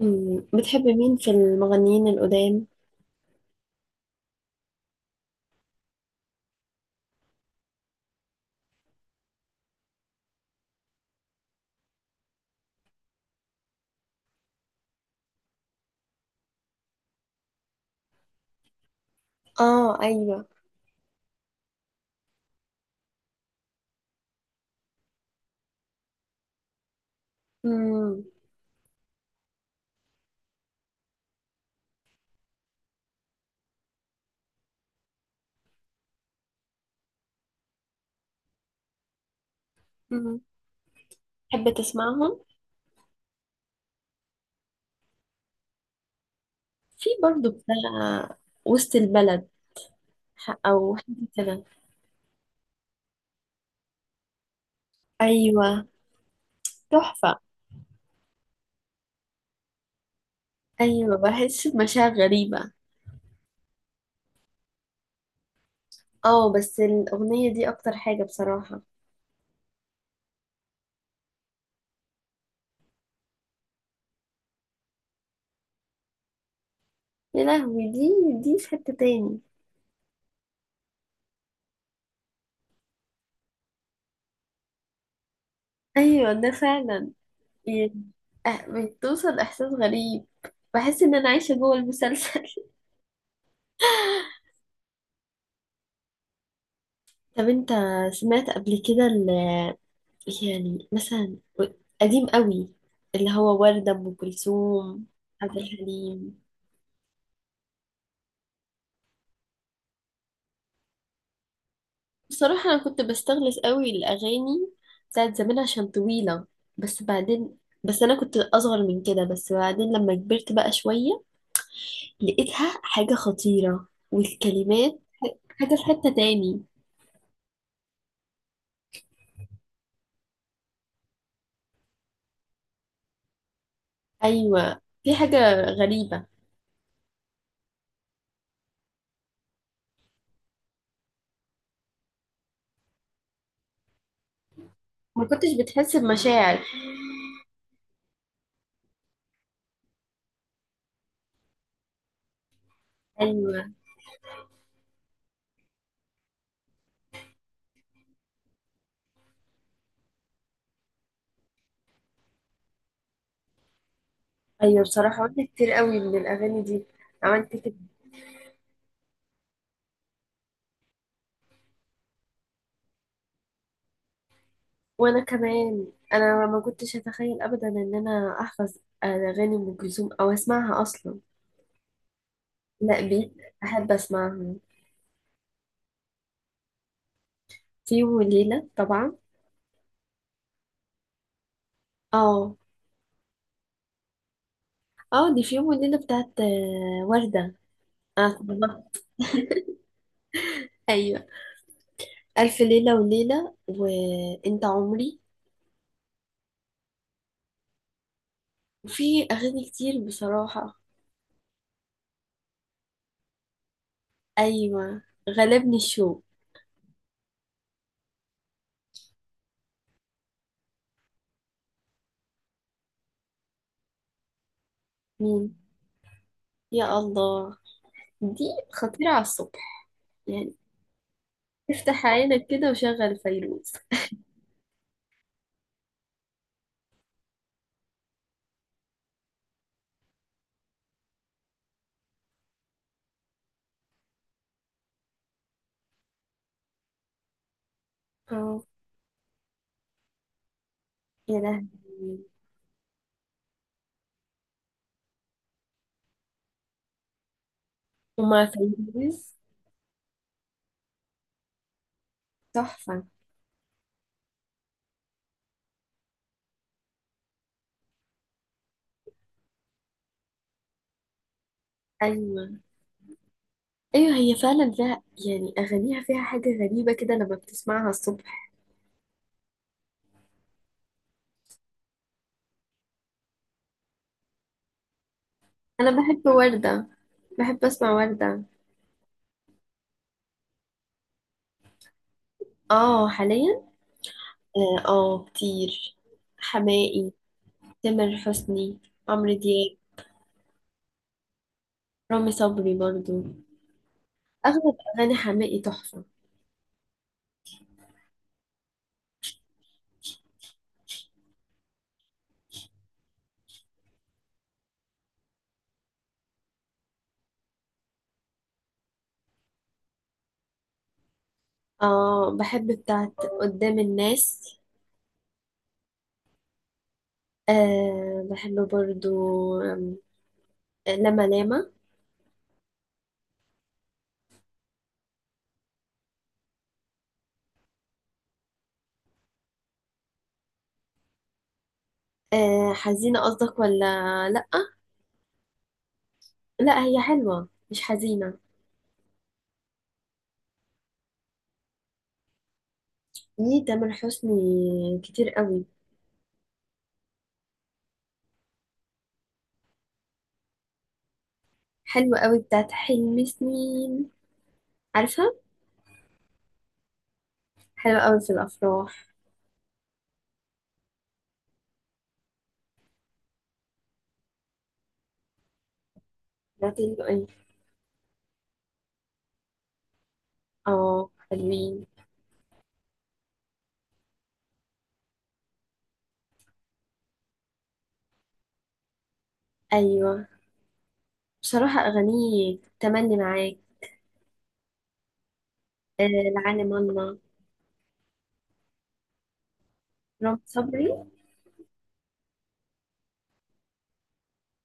مم. بتحب مين في المغنيين القدام؟ اه، ايوه. امم، امم. تحب تسمعهم؟ في برضو بتاع وسط البلد، او حاجه كده. ايوه، تحفه. ايوه، بحس بمشاعر غريبه. اه، بس الاغنيه دي اكتر حاجه بصراحه. يا لهوي، دي في حته تاني. ايوه ده فعلا يعني. بتوصل احساس غريب. بحس ان انا عايشه جوه المسلسل. طب انت سمعت قبل كده؟ يعني مثلا قديم قوي، اللي هو وردة، أم كلثوم، عبد الحليم. بصراحة أنا كنت بستغلس قوي الأغاني بتاعت زمان عشان طويلة، بس بعدين، بس أنا كنت أصغر من كده، بس بعدين لما كبرت بقى شوية لقيتها حاجة خطيرة، والكلمات حاجة في حتة تاني. أيوة، في حاجة غريبة. ما كنتش بتحس بمشاعر. أيوة، أيوة، بصراحة عملت كتير قوي من الأغاني دي. عملت. وانا كمان انا ما كنتش اتخيل ابدا ان انا احفظ اغاني ام كلثوم او اسمعها اصلا. لا، بيت احب اسمعها. في يوم وليله طبعا. اه، اه، دي في يوم وليله بتاعت ورده. اه طبعا. ايوه، الف ليله وليله، وانت عمري. وفي اغاني كتير بصراحه. ايوه، غلبني الشوق. مين؟ يا الله، دي خطيره على الصبح يعني. افتح عينك كده وشغل فيروز. اه. يا لهوي. ومع فيروز. تحفة. أيوة، أيوة، هي فعلا فيها يعني أغانيها فيها حاجة غريبة كده لما بتسمعها الصبح. أنا بحب وردة، بحب أسمع وردة. آه حاليا. آه، آه، كتير. حماقي، تامر حسني، عمرو دياب، رامي صبري برضو. أغلب أغاني حماقي تحفة. آه بحب بتاعت قدام الناس. آه بحب برضو. آم، لما لاما. آه، حزينة قصدك ولا لأ؟ لا، هي حلوة مش حزينة. دي تامر حسني كتير قوي. حلوة قوي بتاعت حلم سنين. عارفها. حلوة قوي في الأفراح. بتاعت ايه. اه، حلوين. أيوة، بصراحة أغانيه تملي معاك. آه، العالم الله. رام صبري.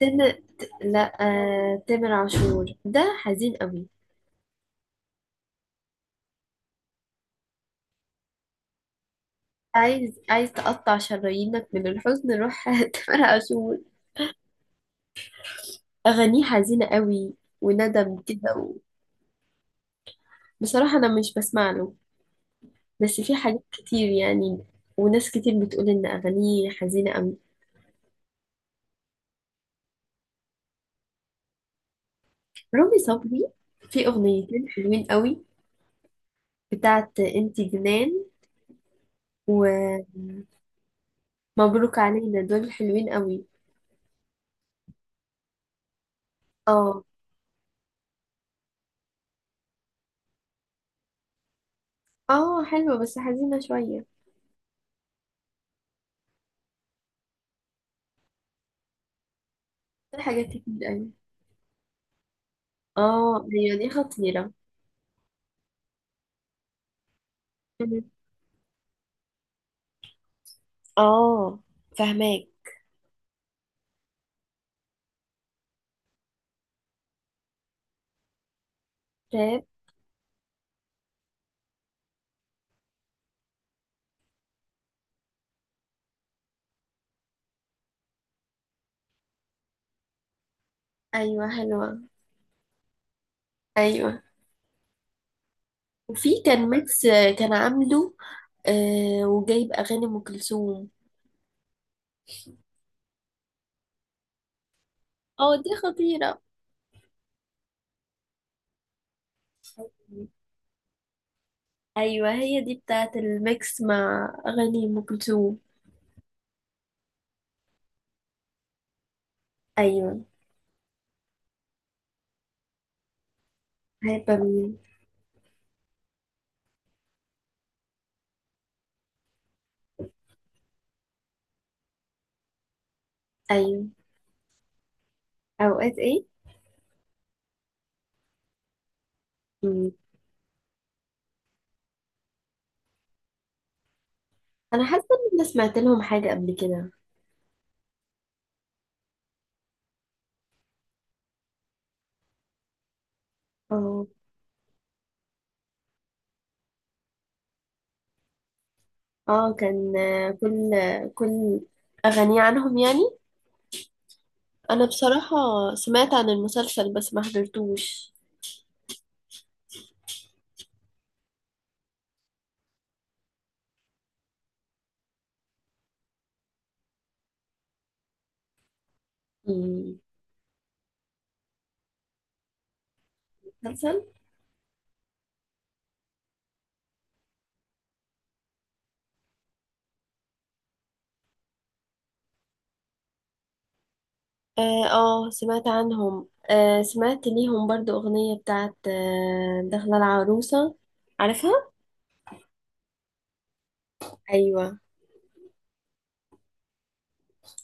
تامر. لا، تامر عاشور ده حزين قوي. عايز تقطع شرايينك من الحزن، روح تامر عاشور. أغانيه حزينة قوي، وندم كده و. بصراحة أنا مش بسمع له، بس في حاجات كتير يعني. وناس كتير بتقول ان اغانيه حزينه قوي. رامي صبري. في اغنيتين حلوين قوي، بتاعت انت جنان، ومبروك علينا، دول حلوين قوي. اه، اه، حلوه بس حزينه شويه. في حاجات كتير قوي. اه، هي دي خطيره. مم. اه. فهماك. راب. ايوه، حلوه. ايوه. وفي كان ميكس، كان عامله وجايب اغاني ام كلثوم. اه دي خطيره. ايوه هي دي بتاعة الميكس مع اغاني ام كلثوم. ايوه. هيبقى مين؟ ايوه. اوقات ايه؟ مم. انا حاسه ان انا سمعت لهم حاجه قبل كده. اه. اه كان كل اغاني عنهم يعني. انا بصراحه سمعت عن المسلسل بس ما حضرتوش. مم. مسلسل. اه. سمعت عنهم، سمعت ليهم برضو اغنيه بتاعة دخلة العروسه. عارفها. ايوه